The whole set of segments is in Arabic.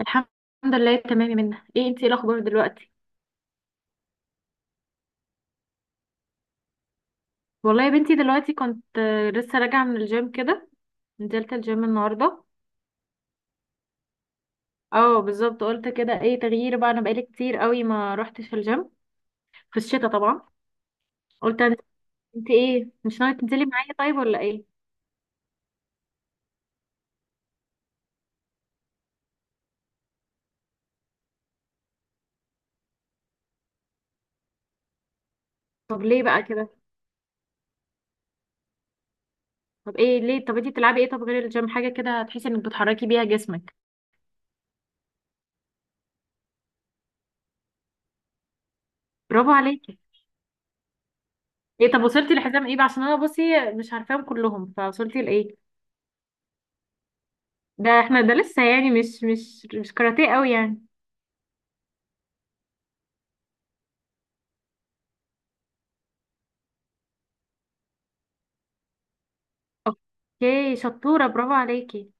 الحمد لله، تمام يا منى. ايه انتي؟ إيه الاخبار دلوقتي؟ والله يا بنتي دلوقتي كنت لسه راجعه من الجيم كده. نزلت الجيم النهارده. اه بالظبط، قلت كده ايه تغيير بقى. انا بقالي كتير قوي ما روحتش الجيم في الشتاء طبعا. أنت انتي ايه، مش ناويه تنزلي معايا طيب ولا ايه؟ طب ليه بقى كده؟ طب ايه ليه؟ طب انتي بتلعبي ايه طب غير الجيم، حاجه كده تحسي انك بتحركي بيها جسمك؟ برافو عليكي. ايه طب وصلتي لحزام ايه بقى، عشان انا بصي مش عارفاهم كلهم، فوصلتي لايه؟ ده احنا ده لسه، يعني مش كاراتيه قوي يعني. اوكي شطورة، برافو عليكي.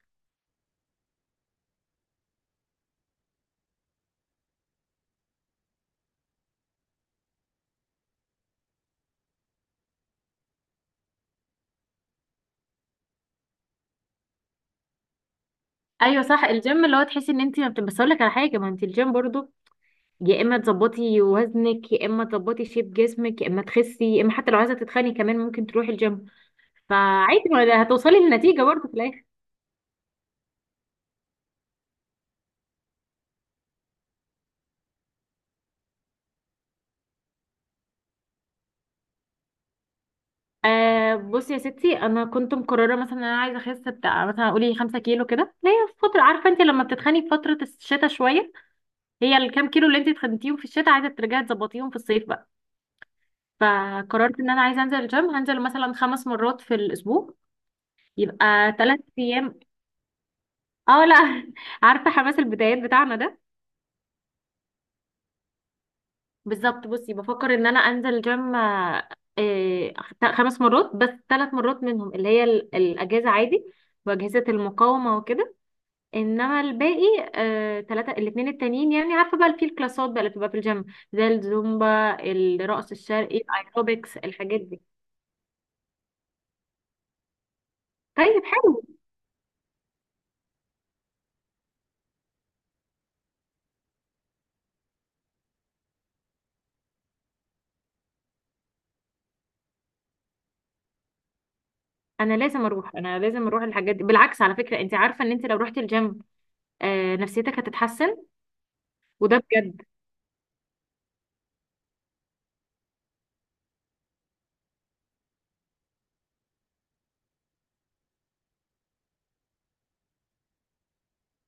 ايوه صح، الجيم اللي هو تحسي ان انت ما بت... بس اقول لك على حاجة، ما انت الجيم برضو يا اما تظبطي وزنك، يا اما تظبطي شيب جسمك، يا اما تخسي، يا اما حتى لو عايزة تتخني كمان ممكن تروحي الجيم. فعادي، ما هتوصلي لنتيجة برضو في الاخر. بصي يا ستي، انا كنت مقررة مثلا ان انا عايزة اخس، بتاع مثلا قولي 5 كيلو كده، اللي هي في فترة عارفة انت لما بتتخني في فترة الشتاء شوية. هي الكام كيلو اللي انت اتخنتيهم في الشتاء عايزة ترجعي تظبطيهم في الصيف بقى. فقررت ان انا عايزه انزل الجيم، هنزل مثلا خمس مرات في الاسبوع، يبقى ثلاث ايام. اه لا. عارفه حماس البدايات بتاعنا ده. بالظبط، بصي بفكر ان انا انزل الجيم آه، خمس مرات، بس ثلاث مرات منهم اللي هي الاجازه عادي، واجهزه المقاومه وكده. انما الباقي ثلاثه، الاثنين التانيين يعني عارفه بقى في الكلاسات بقى اللي بتبقى في الجيم، زي الزومبا، الرقص الشرقي، الايروبكس، الحاجات دي. طيب حلو. انا لازم اروح الحاجات دي، بالعكس. على فكره انت عارفه ان انت لو رحتي الجيم آه نفسيتك هتتحسن، وده بجد.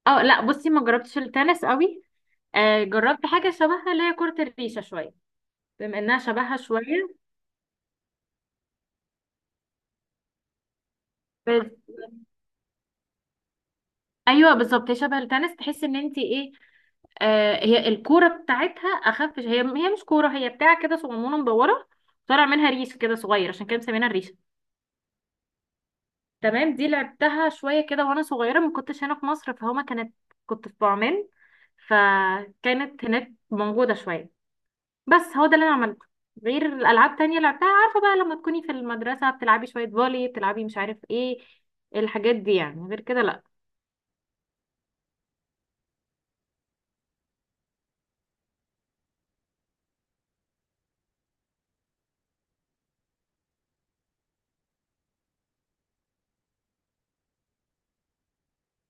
اه لا، بصي ما جربتش التنس قوي. آه جربت حاجه شبهها اللي هي كره الريشه شويه، بما انها شبهها شويه. بس ايوه بالظبط، هي شبه التنس، تحسي ان انت ايه. آه هي الكوره بتاعتها اخف، هي مش كوره، هي بتاع كده صغنونه مدوره، طالع منها ريش كده صغير، عشان كده مسمينها الريشه. تمام. دي لعبتها شوية كده وانا صغيرة، ما كنتش هنا في مصر، فهما كانت، كنت في بعمان فكانت هناك موجودة شوية. بس هو ده اللي انا عملته، غير الالعاب تانية لعبتها عارفة بقى لما تكوني في المدرسة بتلعبي شوية فولي، بتلعبي مش عارف ايه، الحاجات دي يعني. غير كده لا.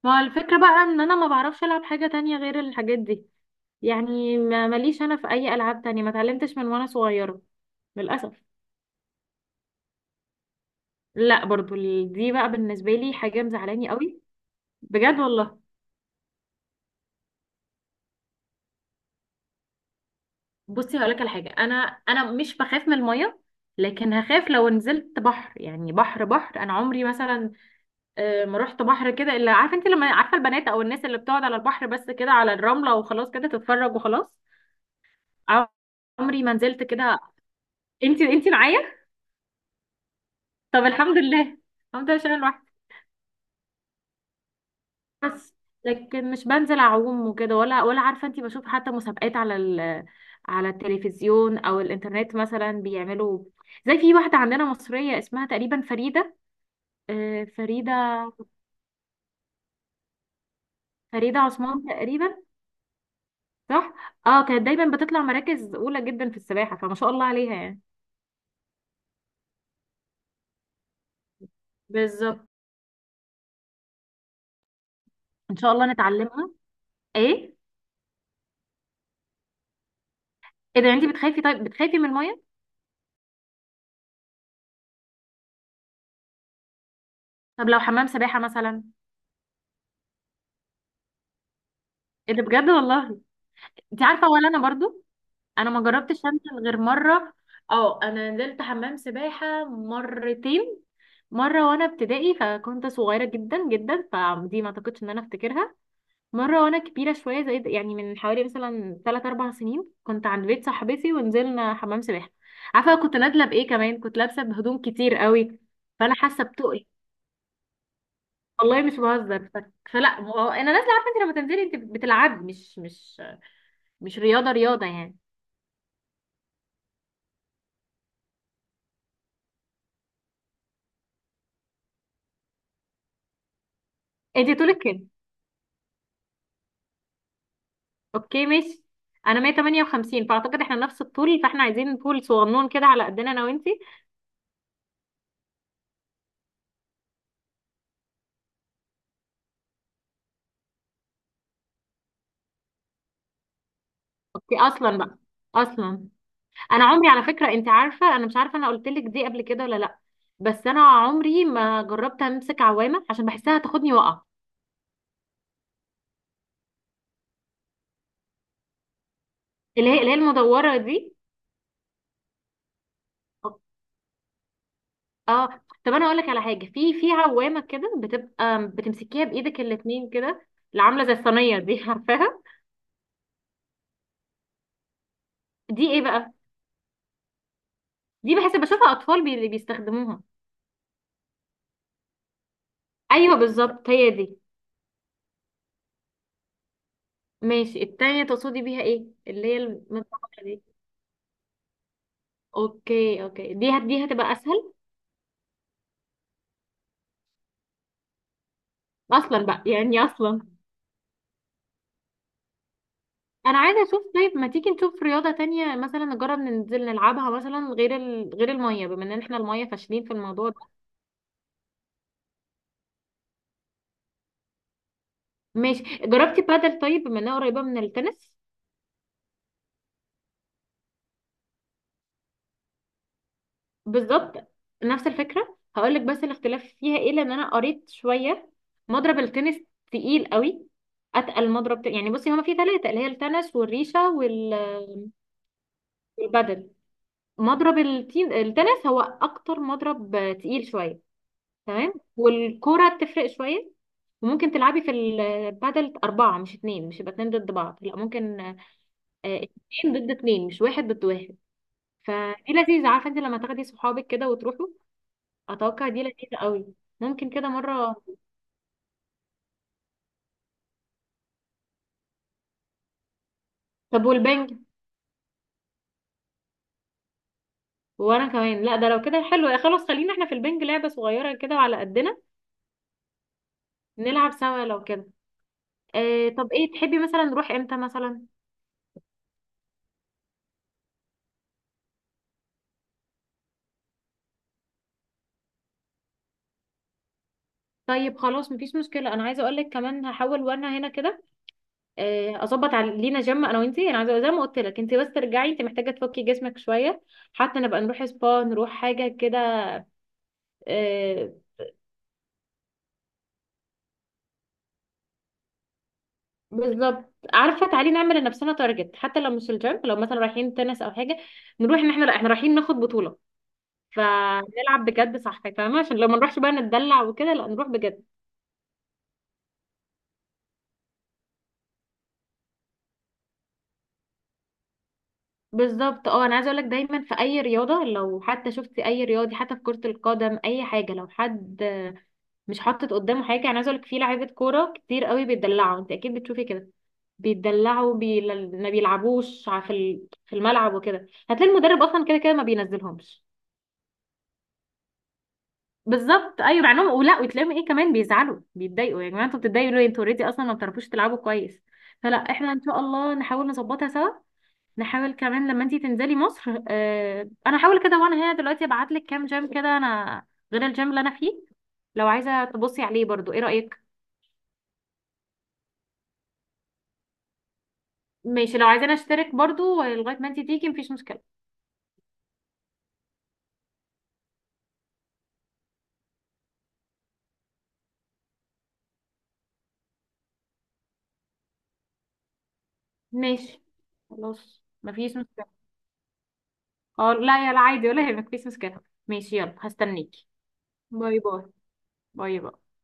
ما هو الفكرة بقى ان انا ما بعرفش العب حاجة تانية غير الحاجات دي. يعني ماليش انا في اي العاب تانية، ما اتعلمتش من وانا صغيرة، للأسف. لا برضو، دي بقى بالنسبة لي حاجة مزعلاني قوي. بجد والله. بصي هقولك على حاجه، انا مش بخاف من الميه، لكن هخاف لو نزلت بحر، يعني بحر بحر. انا عمري مثلا ما رحت بحر كده، الا عارفه انت لما عارفه البنات او الناس اللي بتقعد على البحر بس كده على الرمله وخلاص كده تتفرج وخلاص. عمري ما نزلت كده. انت انت معايا. طب الحمد لله. الحمد لله عشان أنا لوحدي. بس لكن مش بنزل اعوم وكده، ولا عارفه انت بشوف حتى مسابقات على التلفزيون او الانترنت مثلا بيعملوا. زي في واحده عندنا مصريه اسمها تقريبا فريده، فريدة، فريدة عثمان تقريبا. صح. اه كانت دايما بتطلع مراكز اولى جدا في السباحة، فما شاء الله عليها يعني. بالظبط، ان شاء الله نتعلمها. ايه؟ ايه ده، انت بتخافي؟ طيب بتخافي من المية؟ طب لو حمام سباحة مثلا؟ ايه ده، بجد والله؟ انت عارفة ولا انا برضو، انا ما جربتش انزل غير مرة. اه انا نزلت حمام سباحة مرتين، مرة وانا ابتدائي فكنت صغيرة جدا جدا، فدي ما اعتقدش ان انا افتكرها، مرة وأنا كبيرة شوية، زي يعني من حوالي مثلا تلات أربع سنين، كنت عند بيت صاحبتي ونزلنا حمام سباحة. عارفة كنت نازلة بإيه كمان، كنت لابسة بهدوم كتير قوي، فأنا حاسة بتقل. والله مش بهزر. فلا ما هو أنا نازلة، عارفة أنت لما تنزلي أنت بتلعبي، مش رياضة رياضة يعني. أنت طولك كام؟ أوكي ماشي، أنا 158، فأعتقد إحنا نفس الطول، فإحنا عايزين طول صغنون كده على قدنا، أنا وأنتي. أوكي أصلا بقى، أصلا انا عمري، على فكره انت عارفه، انا مش عارفه انا قلت لك دي قبل كده ولا لا، بس انا عمري ما جربت امسك عوامه عشان بحسها تاخدني وقع. اللي هي المدوره دي. اه طب انا اقول لك على حاجه، في عوامه كده بتبقى بتمسكيها بايدك الاتنين كده، اللي عامله زي الصينيه، دي عارفاها؟ دي ايه بقى؟ دي بحس بشوفها اطفال بي اللي بيستخدموها. ايوه بالظبط هي دي. ماشي، التانية تقصدي بيها ايه، اللي هي المدوره دي؟ اوكي اوكي، دي هتبقى اسهل. اصلا بقى يعني، اصلا انا عايزه اشوف. طيب ما تيجي نشوف رياضه تانية مثلا، نجرب ننزل نلعبها مثلا غير الميه، بما ان احنا الميه فاشلين في الموضوع ده. ماشي، جربتي بادل طيب، بما انها قريبه من التنس؟ بالظبط، نفس الفكره. هقول لك بس الاختلاف فيها ايه، لان انا قريت شويه. مضرب التنس تقيل قوي، اتقل مضرب، يعني بصي هما في ثلاثه، اللي هي التنس والريشه والبادل. التنس هو اكتر مضرب تقيل شويه. تمام. والكرة تفرق شوية. وممكن تلعبي في البادل أربعة مش اتنين، مش يبقى اتنين ضد بعض، لا ممكن اتنين ضد اتنين، مش واحد ضد واحد. فدي لذيذة، عارفة انت لما تاخدي صحابك كده وتروحوا، أتوقع دي لذيذة قوي، ممكن كده مرة. طب والبنج؟ وانا كمان، لا ده لو كده حلو، يا خلاص خلينا احنا في البنج، لعبة صغيرة كده وعلى قدنا. نلعب سوا لو كده. طب ايه تحبي مثلا نروح امتى مثلا؟ طيب خلاص، مفيش مشكلة. انا عايزة اقولك كمان، هحاول وانا هنا كده اظبط على لينا جيم، انا وانتي. انا عايزه زي ما قلت لك، انتي بس ترجعي، انتي محتاجه تفكي جسمك شويه، حتى نبقى نروح سبا، نروح حاجه كده آه، بالظبط، عارفه تعالي نعمل لنفسنا تارجت، حتى لو مش الجيم، لو مثلا رايحين تنس او حاجه، نروح ان احنا، لا احنا رايحين ناخد بطوله فنلعب بجد، صح فاهمه، عشان لو ما نروحش بقى نتدلع وكده، لا نروح بجد. بالظبط. اه انا عايزه اقول لك، دايما في اي رياضه، لو حتى شفتي اي رياضي، حتى في كره القدم اي حاجه، لو حد مش حاطط قدامه حاجه، يعني عايزه اقولك، في لعيبه كوره كتير قوي بيتدلعوا، انت اكيد بتشوفي كده، بيتدلعوا بي... ما بيلعبوش في الملعب، وكده هتلاقي المدرب اصلا كده كده ما بينزلهمش. بالظبط ايوه، مع انهم ولا، وتلاقيهم ايه كمان، بيزعلوا بيتضايقوا، يا جماعه انتوا بتتضايقوا ليه، انتوا اوريدي اصلا ما بتعرفوش تلعبوا كويس. فلا احنا ان شاء الله نحاول نظبطها سوا، نحاول كمان لما انتي تنزلي مصر. اه انا هحاول كده وانا هنا دلوقتي، ابعت لك كام جيم كده انا، غير الجيم اللي انا فيه، لو عايزه تبصي عليه برضو. ايه رايك؟ ماشي، لو عايزين اشترك برضو لغاية ما انتي تيجي، مفيش مشكلة. ماشي، خلاص مفيش مشكلة. اه لا يا لا، عادي ولا يهمك، مفيش مشكلة. ماشي، يلا هستنيكي. باي باي. باي باي.